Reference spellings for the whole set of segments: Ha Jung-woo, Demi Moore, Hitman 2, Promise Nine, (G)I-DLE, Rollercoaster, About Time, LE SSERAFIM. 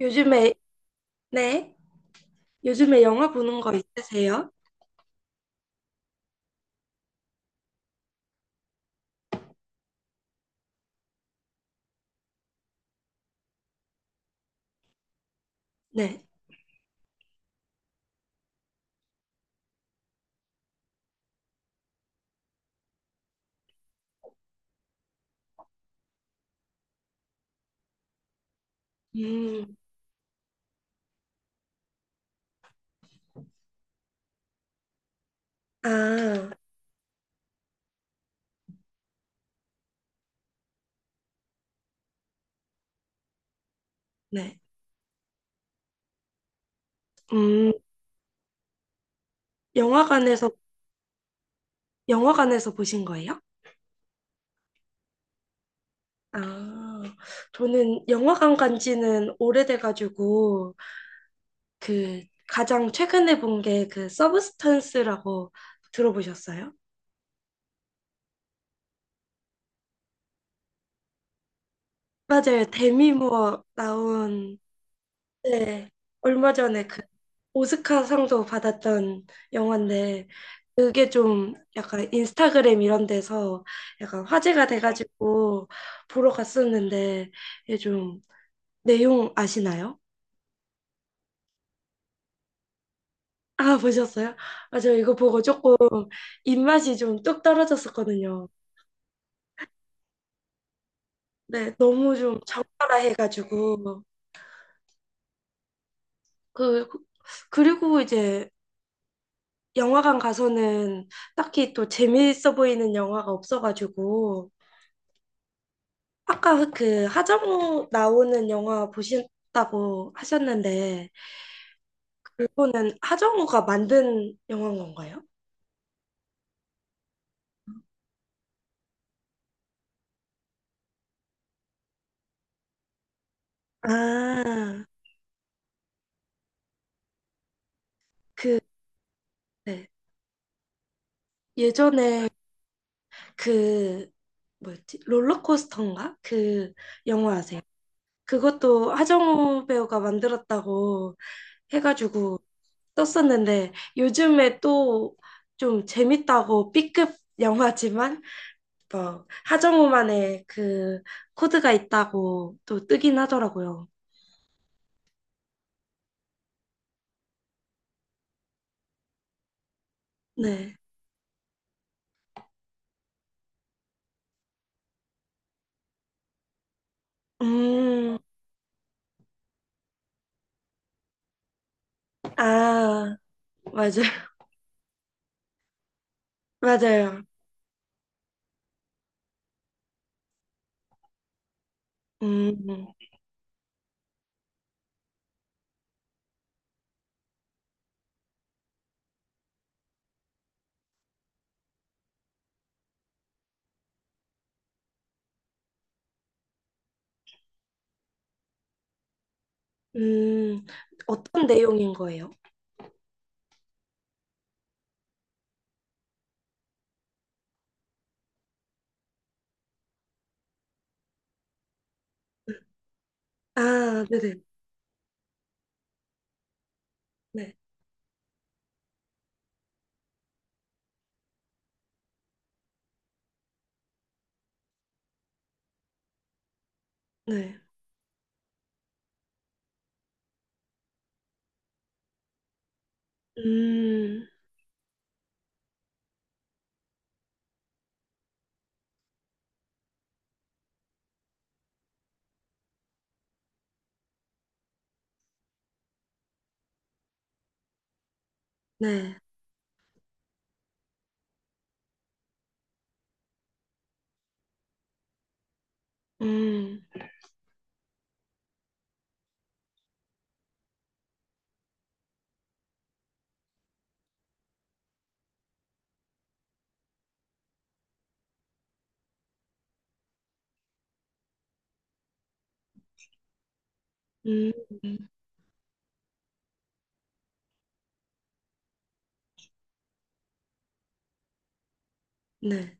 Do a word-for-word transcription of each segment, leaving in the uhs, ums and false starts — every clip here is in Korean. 요즘에, 네. 요즘에 영화 보는 거 있으세요? 네. 음, 아, 네. 음, 영화관에서, 영화관에서 보신 거예요? 아, 저는 영화관 간 지는 오래돼가지고, 그, 가장 최근에 본 게 그 서브스턴스라고 들어보셨어요? 맞아요. 데미 무어 나온. 네, 얼마 전에 그 오스카상도 받았던 영화인데, 그게 좀 약간 인스타그램 이런 데서 약간 화제가 돼가지고 보러 갔었는데 이게 좀 내용 아시나요? 아, 보셨어요? 아, 저 이거 보고 조금 입맛이 좀 뚝 떨어졌었거든요. 네, 너무 좀 적나라 해가지고. 그 그리고 이제 영화관 가서는 딱히 또 재미있어 보이는 영화가 없어가지고, 아까 그 하정우 나오는 영화 보신다고 하셨는데, 그거는 하정우가 만든 영화인 건가요? 아, 그, 네. 예전에 그, 뭐였지? 롤러코스터인가? 그 영화 아세요? 그것도 하정우 배우가 만들었다고 해가지고 떴었는데, 요즘에 또 좀 재밌다고 B급 영화지만, 막 하정우만의 그 코드가 있다고 또 뜨긴 하더라고요. 네. 음, 아, 맞아요. 맞아요. 음, 음, 어떤 내용인 거예요? 아, 네네. 네, 네. 음, 네. 음, 음, 네,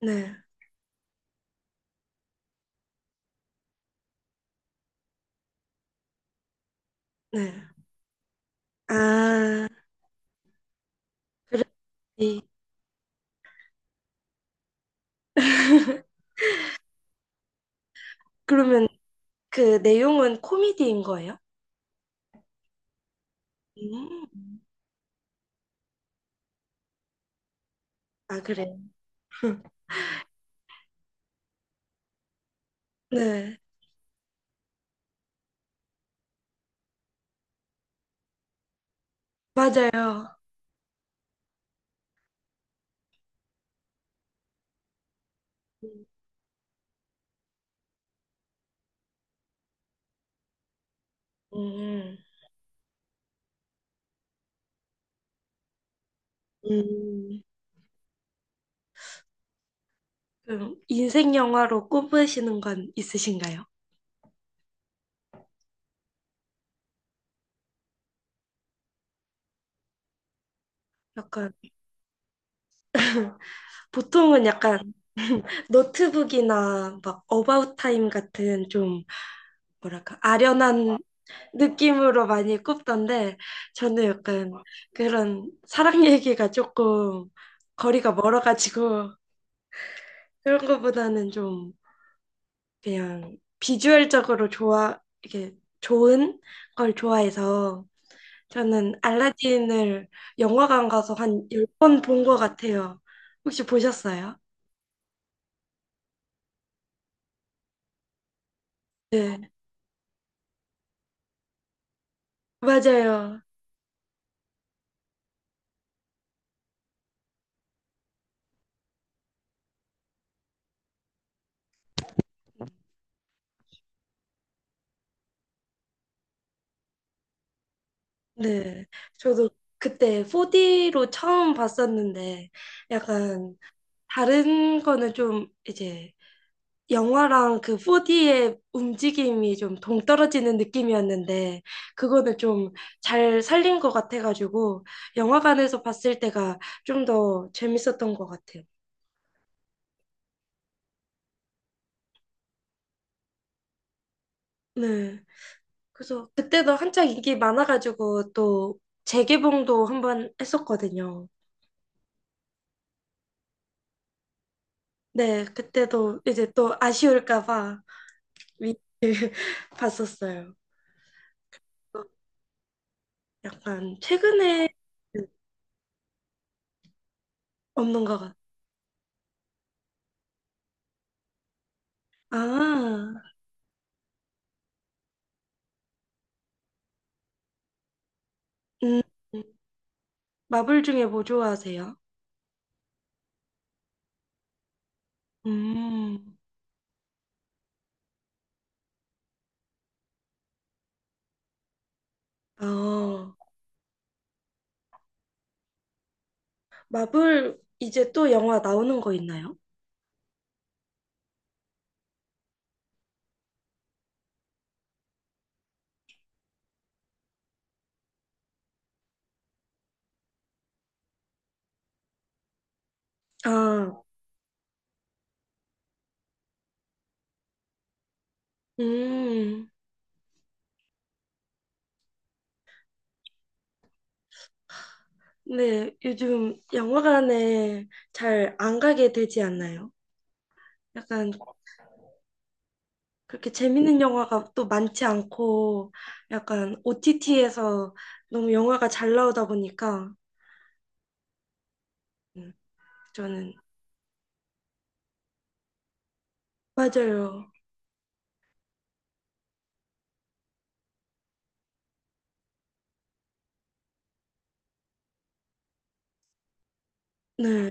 네, 네. 아, 그렇지. 그러면 그 내용은 코미디인 거예요? 음, 아, 그래. 네, 맞아요. 음, 음, 음. 음. 그럼 인생 영화로 꼽으시는 건 있으신가요? 약간 보통은 약간 노트북이나 막 어바웃 타임 같은 좀 뭐랄까 아련한 느낌으로 많이 꼽던데, 저는 약간 그런 사랑 얘기가 조금 거리가 멀어가지고, 그런 거보다는 좀 그냥 비주얼적으로 좋아. 이게 좋은 걸 좋아해서 저는 알라딘을 영화관 가서 한 열 번 본 것 같아요. 혹시 보셨어요? 네, 맞아요. 네, 저도 그때 포디로 처음 봤었는데, 약간 다른 거는 좀 이제 영화랑 그 포디의 움직임이 좀 동떨어지는 느낌이었는데, 그거는 좀 잘 살린 것 같아가지고 영화관에서 봤을 때가 좀 더 재밌었던 것 같아요. 네. 그래서 그때도 한창 인기 많아가지고 또 재개봉도 한번 했었거든요. 네, 그때도 이제 또 아쉬울까 봐 위- 봤었어요. 약간 최근에 없는 것 같아요. 아, 음, 마블 중에 뭐 좋아하세요? 음, 아, 마블 이제 또 영화 나오는 거 있나요? 아, 음, 네, 요즘 영화관에 잘 안 가게 되지 않나요? 약간 그렇게 재밌는 영화가 또 많지 않고 약간 오티티에서 너무 영화가 잘 나오다 보니까, 음, 저는 맞아요. 네,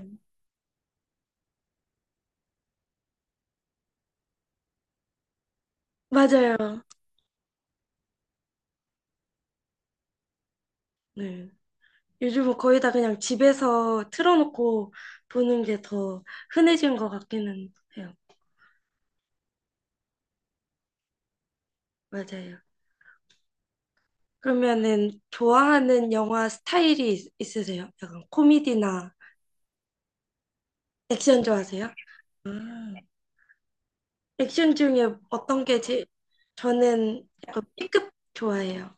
맞아요. 네. 요즘은 거의 다 그냥 집에서 틀어놓고 보는 게 더 흔해진 것 같기는 해요. 맞아요. 그러면은 좋아하는 영화 스타일이 있- 있으세요? 약간 코미디나 액션 좋아하세요? 아, 액션 중에 어떤 게 제, 저는 약간 B급 좋아해요.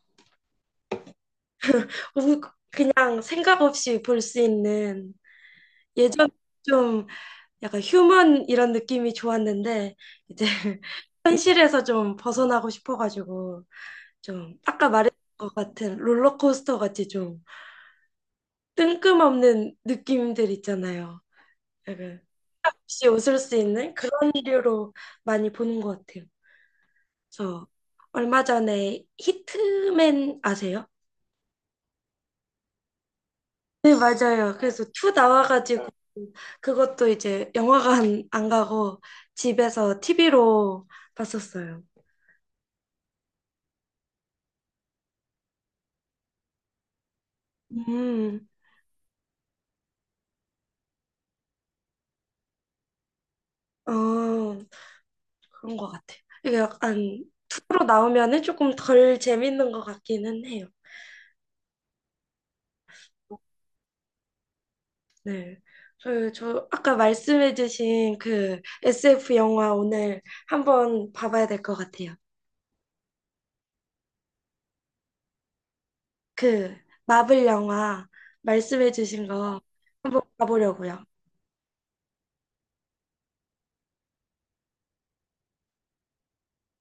너무 그냥 생각 없이 볼 수 있는 예전 좀 약간 휴먼 이런 느낌이 좋았는데 이제 현실에서 좀 벗어나고 싶어가지고 좀 아까 말했던 것 같은 롤러코스터 같이 좀 뜬금없는 느낌들 있잖아요. 약간 없이 웃을 수 있는 그런 류로 많이 보는 것 같아요. 그래서 얼마 전에 히트맨 아세요? 네, 맞아요. 그래서 투 나와가지고 그것도 이제 영화관 안 가고 집에서 티비로 봤었어요. 음, 어, 그런 것 같아요. 이게 약간 투로 나오면은 조금 덜 재밌는 것 같기는 해요. 네. 저, 저 아까 말씀해주신 그 에스에프 영화 오늘 한번 봐봐야 될 것 같아요. 그 마블 영화 말씀해주신 거 한번 봐보려고요.